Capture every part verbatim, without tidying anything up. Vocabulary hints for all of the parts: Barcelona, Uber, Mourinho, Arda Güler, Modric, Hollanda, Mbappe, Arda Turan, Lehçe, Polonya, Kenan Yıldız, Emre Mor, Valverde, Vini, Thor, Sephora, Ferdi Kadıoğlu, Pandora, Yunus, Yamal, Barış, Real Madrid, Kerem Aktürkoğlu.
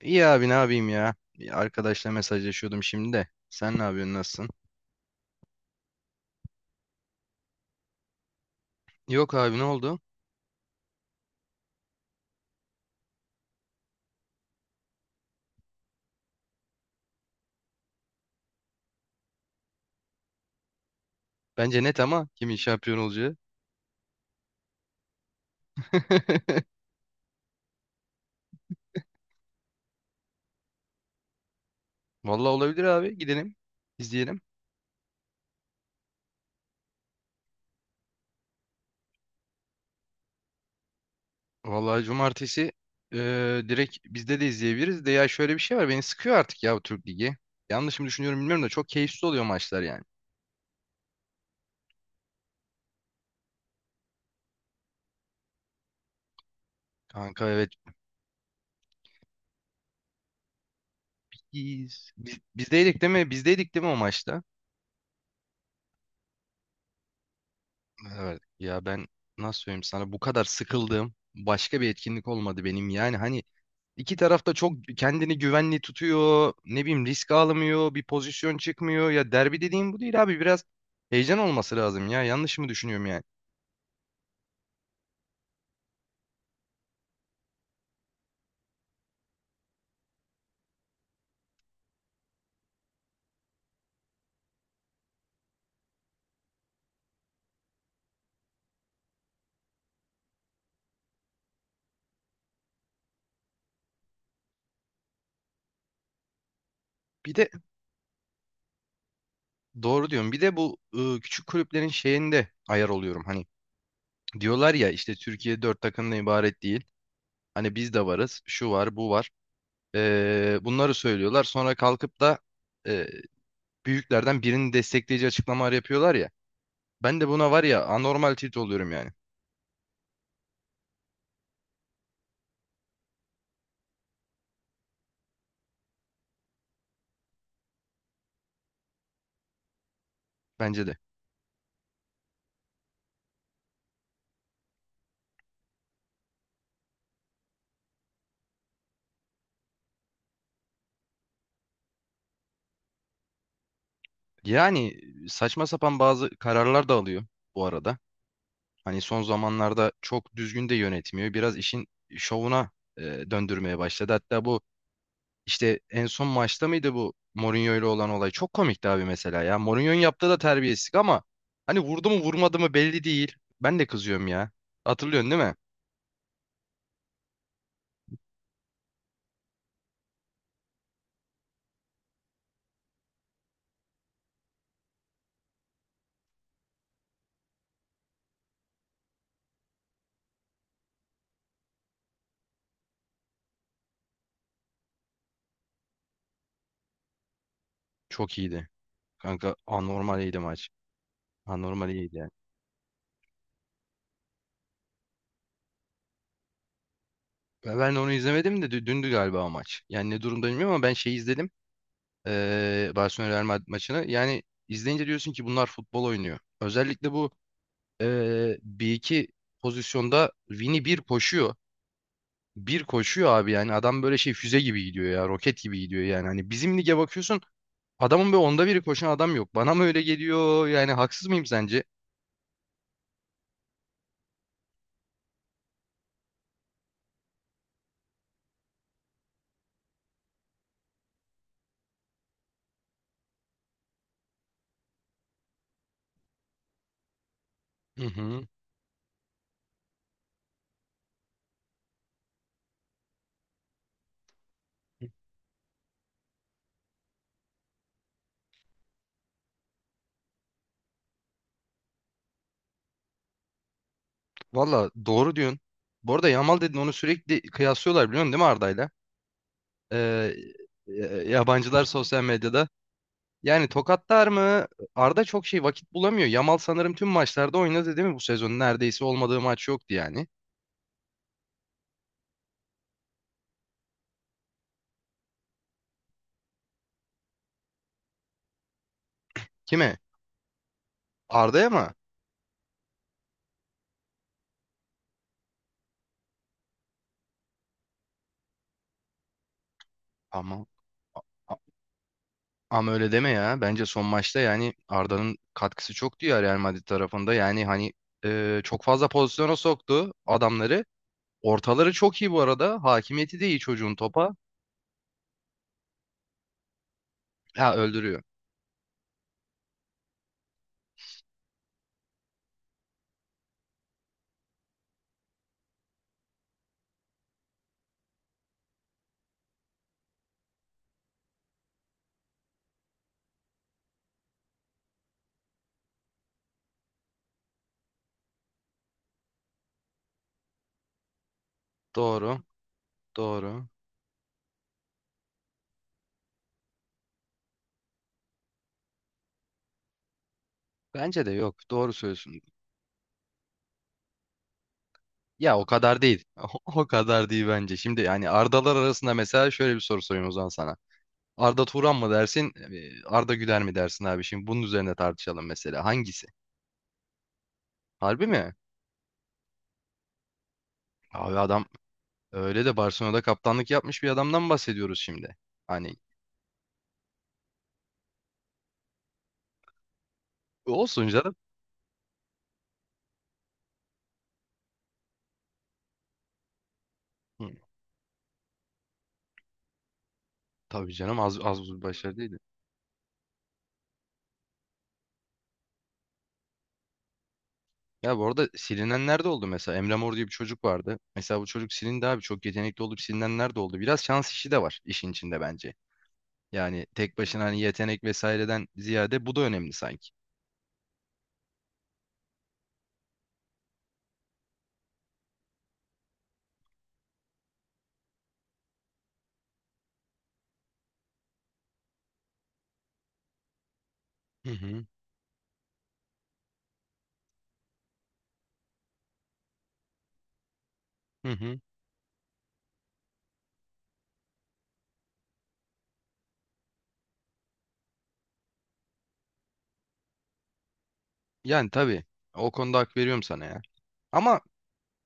İyi abi ne yapayım ya? Bir arkadaşla mesajlaşıyordum şimdi de. Sen ne yapıyorsun, nasılsın? Yok abi, ne oldu? Bence net ama kimin şampiyon olacağı. Vallahi olabilir abi, gidelim izleyelim. Vallahi cumartesi eee, direkt bizde de izleyebiliriz de ya, şöyle bir şey var, beni sıkıyor artık ya bu Türk Ligi. Yanlış mı düşünüyorum bilmiyorum da çok keyifsiz oluyor maçlar yani. Kanka evet, biz, biz- bizdeydik değil mi? Bizdeydik değil mi o maçta? Evet ya, ben nasıl söyleyeyim sana, bu kadar sıkıldığım başka bir etkinlik olmadı benim, yani hani, İki taraf da çok kendini güvenli tutuyor. Ne bileyim, risk almıyor. Bir pozisyon çıkmıyor. Ya derbi dediğim bu değil abi. Biraz heyecan olması lazım ya. Yanlış mı düşünüyorum yani? Bir de doğru diyorum. Bir de bu ıı, küçük kulüplerin şeyinde ayar oluyorum. Hani diyorlar ya işte Türkiye dört takımdan ibaret değil. Hani biz de varız. Şu var, bu var. Ee, bunları söylüyorlar. Sonra kalkıp da e, büyüklerden birini destekleyici açıklamalar yapıyorlar ya. Ben de buna var ya anormal tilt oluyorum yani. Bence de. Yani saçma sapan bazı kararlar da alıyor bu arada. Hani son zamanlarda çok düzgün de yönetmiyor. Biraz işin şovuna e, döndürmeye başladı. Hatta bu işte en son maçta mıydı bu Mourinho ile olan olay? Çok komikti abi mesela ya. Mourinho'nun yaptığı da terbiyesizlik ama hani vurdu mu vurmadı mı belli değil. Ben de kızıyorum ya. Hatırlıyorsun değil mi? Çok iyiydi. Kanka anormal iyiydi maç. Anormal iyiydi yani. Ben ben onu izlemedim de dü- dündü galiba o maç. Yani ne durumda bilmiyorum ama ben şeyi izledim. eee Barcelona Real Madrid maçını. Yani izleyince diyorsun ki bunlar futbol oynuyor. Özellikle bu eee, bir iki pozisyonda Vini bir koşuyor. Bir koşuyor abi, yani adam böyle şey füze gibi gidiyor ya, roket gibi gidiyor yani. Hani bizim lige bakıyorsun, adamın böyle onda biri koşan adam yok. Bana mı öyle geliyor yani, haksız mıyım sence? Hı hı. Valla doğru diyorsun. Bu arada Yamal dedin, onu sürekli kıyaslıyorlar biliyorsun değil mi Arda'yla? Ee, e, e, yabancılar sosyal medyada. Yani tokatlar mı? Arda çok şey vakit bulamıyor. Yamal sanırım tüm maçlarda oynadı değil mi bu sezon? Neredeyse olmadığı maç yoktu yani. Kime? Arda'ya mı? Ama a- ama öyle deme ya. Bence son maçta yani Arda'nın katkısı çoktu ya Real Madrid tarafında. Yani hani, e, çok fazla pozisyona soktu adamları. Ortaları çok iyi bu arada. Hakimiyeti de iyi çocuğun topa. Ha, öldürüyor. Doğru. Doğru. Bence de yok. Doğru söylüyorsun. Ya o kadar değil. O kadar değil bence. Şimdi yani Ardalar arasında mesela şöyle bir soru sorayım o zaman sana. Arda Turan mı dersin, e, Arda Güler mi dersin abi? Şimdi bunun üzerine tartışalım mesela. Hangisi? Harbi mi? Abi adam öyle de Barcelona'da kaptanlık yapmış bir adamdan bahsediyoruz şimdi. Hani olsun canım. Hı, tabii canım, az, az buz bir başarı değildi. Ya bu arada silinenler de oldu mesela. Emre Mor diye bir çocuk vardı. Mesela bu çocuk silindi abi. Çok yetenekli olup silinenler de oldu. Biraz şans işi de var işin içinde bence. Yani tek başına hani yetenek vesaireden ziyade bu da önemli sanki. Hı hı. Hı hı. Yani tabii o konuda hak veriyorum sana ya. Ama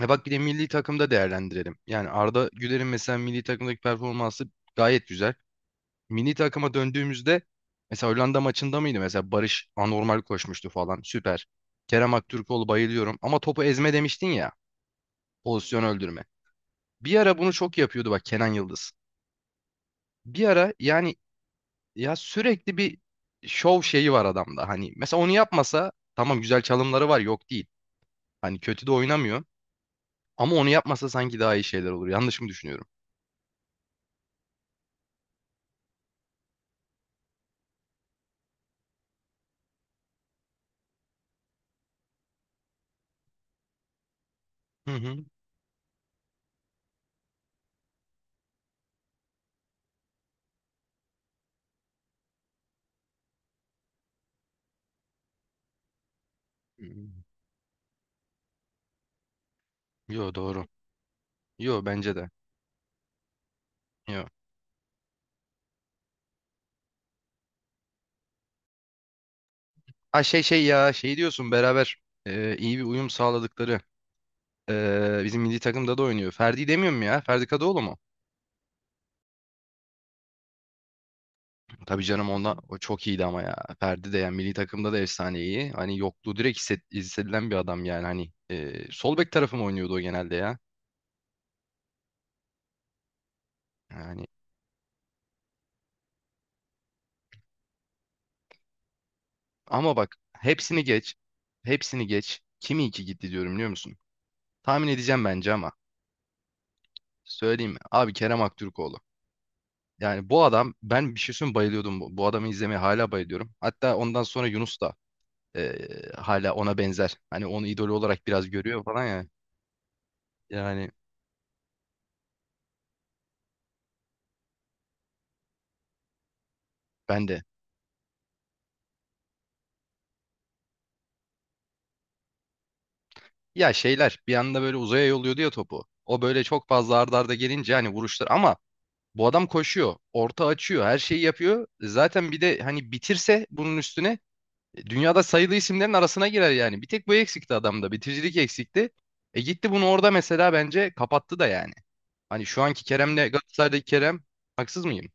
e bak bir de milli takımda değerlendirelim. Yani Arda Güler'in mesela milli takımdaki performansı gayet güzel. Milli takıma döndüğümüzde mesela Hollanda maçında mıydı? Mesela Barış anormal koşmuştu falan. Süper. Kerem Aktürkoğlu, bayılıyorum. Ama topu ezme demiştin ya. Pozisyon öldürme. Bir ara bunu çok yapıyordu bak Kenan Yıldız. Bir ara yani, ya sürekli bir şov şeyi var adamda. Hani mesela onu yapmasa, tamam güzel çalımları var yok değil. Hani kötü de oynamıyor. Ama onu yapmasa sanki daha iyi şeyler olur. Yanlış mı düşünüyorum? Hı hı. Hmm. Yo, doğru. Yo, bence de. Yo. Ha şey şey ya, şey diyorsun, beraber e, iyi bir uyum sağladıkları, e, bizim milli takımda da oynuyor. Ferdi demiyor mu ya? Ferdi Kadıoğlu mu? Tabii canım, onda o çok iyiydi ama ya. Ferdi de yani milli takımda da efsane iyi. Hani yokluğu direkt hisset, hissedilen bir adam yani hani. E, sol bek tarafı mı oynuyordu o genelde ya? Yani ama bak hepsini geç. Hepsini geç. Kim iyi ki gitti diyorum biliyor musun? Tahmin edeceğim bence ama. Söyleyeyim mi? Abi Kerem Aktürkoğlu. Yani bu adam, ben bir şey söyleyeyim mi, bayılıyordum. Bu, bu adamı izlemeye hala bayılıyorum. Hatta ondan sonra Yunus da eee, hala ona benzer. Hani onu idol olarak biraz görüyor falan ya. Yani ben de. Ya şeyler bir anda böyle uzaya yolluyordu ya topu. O böyle çok fazla arda arda gelince hani vuruşlar, ama bu adam koşuyor, orta açıyor, her şeyi yapıyor. Zaten bir de hani bitirse bunun üstüne, dünyada sayılı isimlerin arasına girer yani. Bir tek bu eksikti adamda. Bitiricilik eksikti. E gitti, bunu orada mesela bence kapattı da yani. Hani şu anki Kerem'le Galatasaray'daki Kerem, haksız mıyım?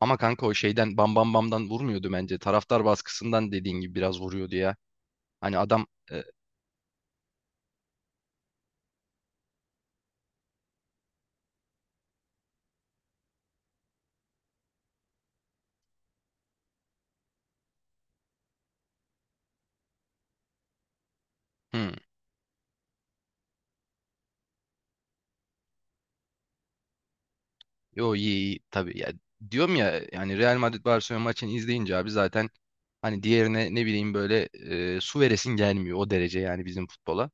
Ama kanka o şeyden bam bam bamdan vurmuyordu bence. Taraftar baskısından dediğin gibi biraz vuruyordu ya. Hani adam e, hı, yo iyi iyi tabii ya. Diyorum ya, yani Real Madrid Barcelona maçını izleyince abi zaten hani diğerine ne bileyim böyle e, su veresin gelmiyor o derece yani bizim futbola.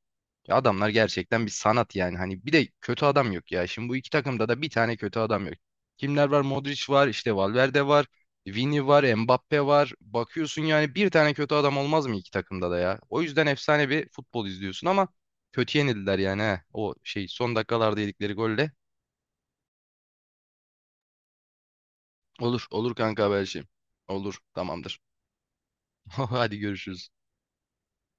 Ya adamlar gerçekten bir sanat yani. Hani bir de kötü adam yok ya. Şimdi bu iki takımda da bir tane kötü adam yok. Kimler var? Modric var, işte Valverde var, Vini var, Mbappe var. Bakıyorsun yani, bir tane kötü adam olmaz mı iki takımda da ya? O yüzden efsane bir futbol izliyorsun ama kötü yenildiler yani he. O şey son dakikalarda yedikleri golle. Olur, olur kanka, haberleşelim. Olur, tamamdır. Hadi görüşürüz.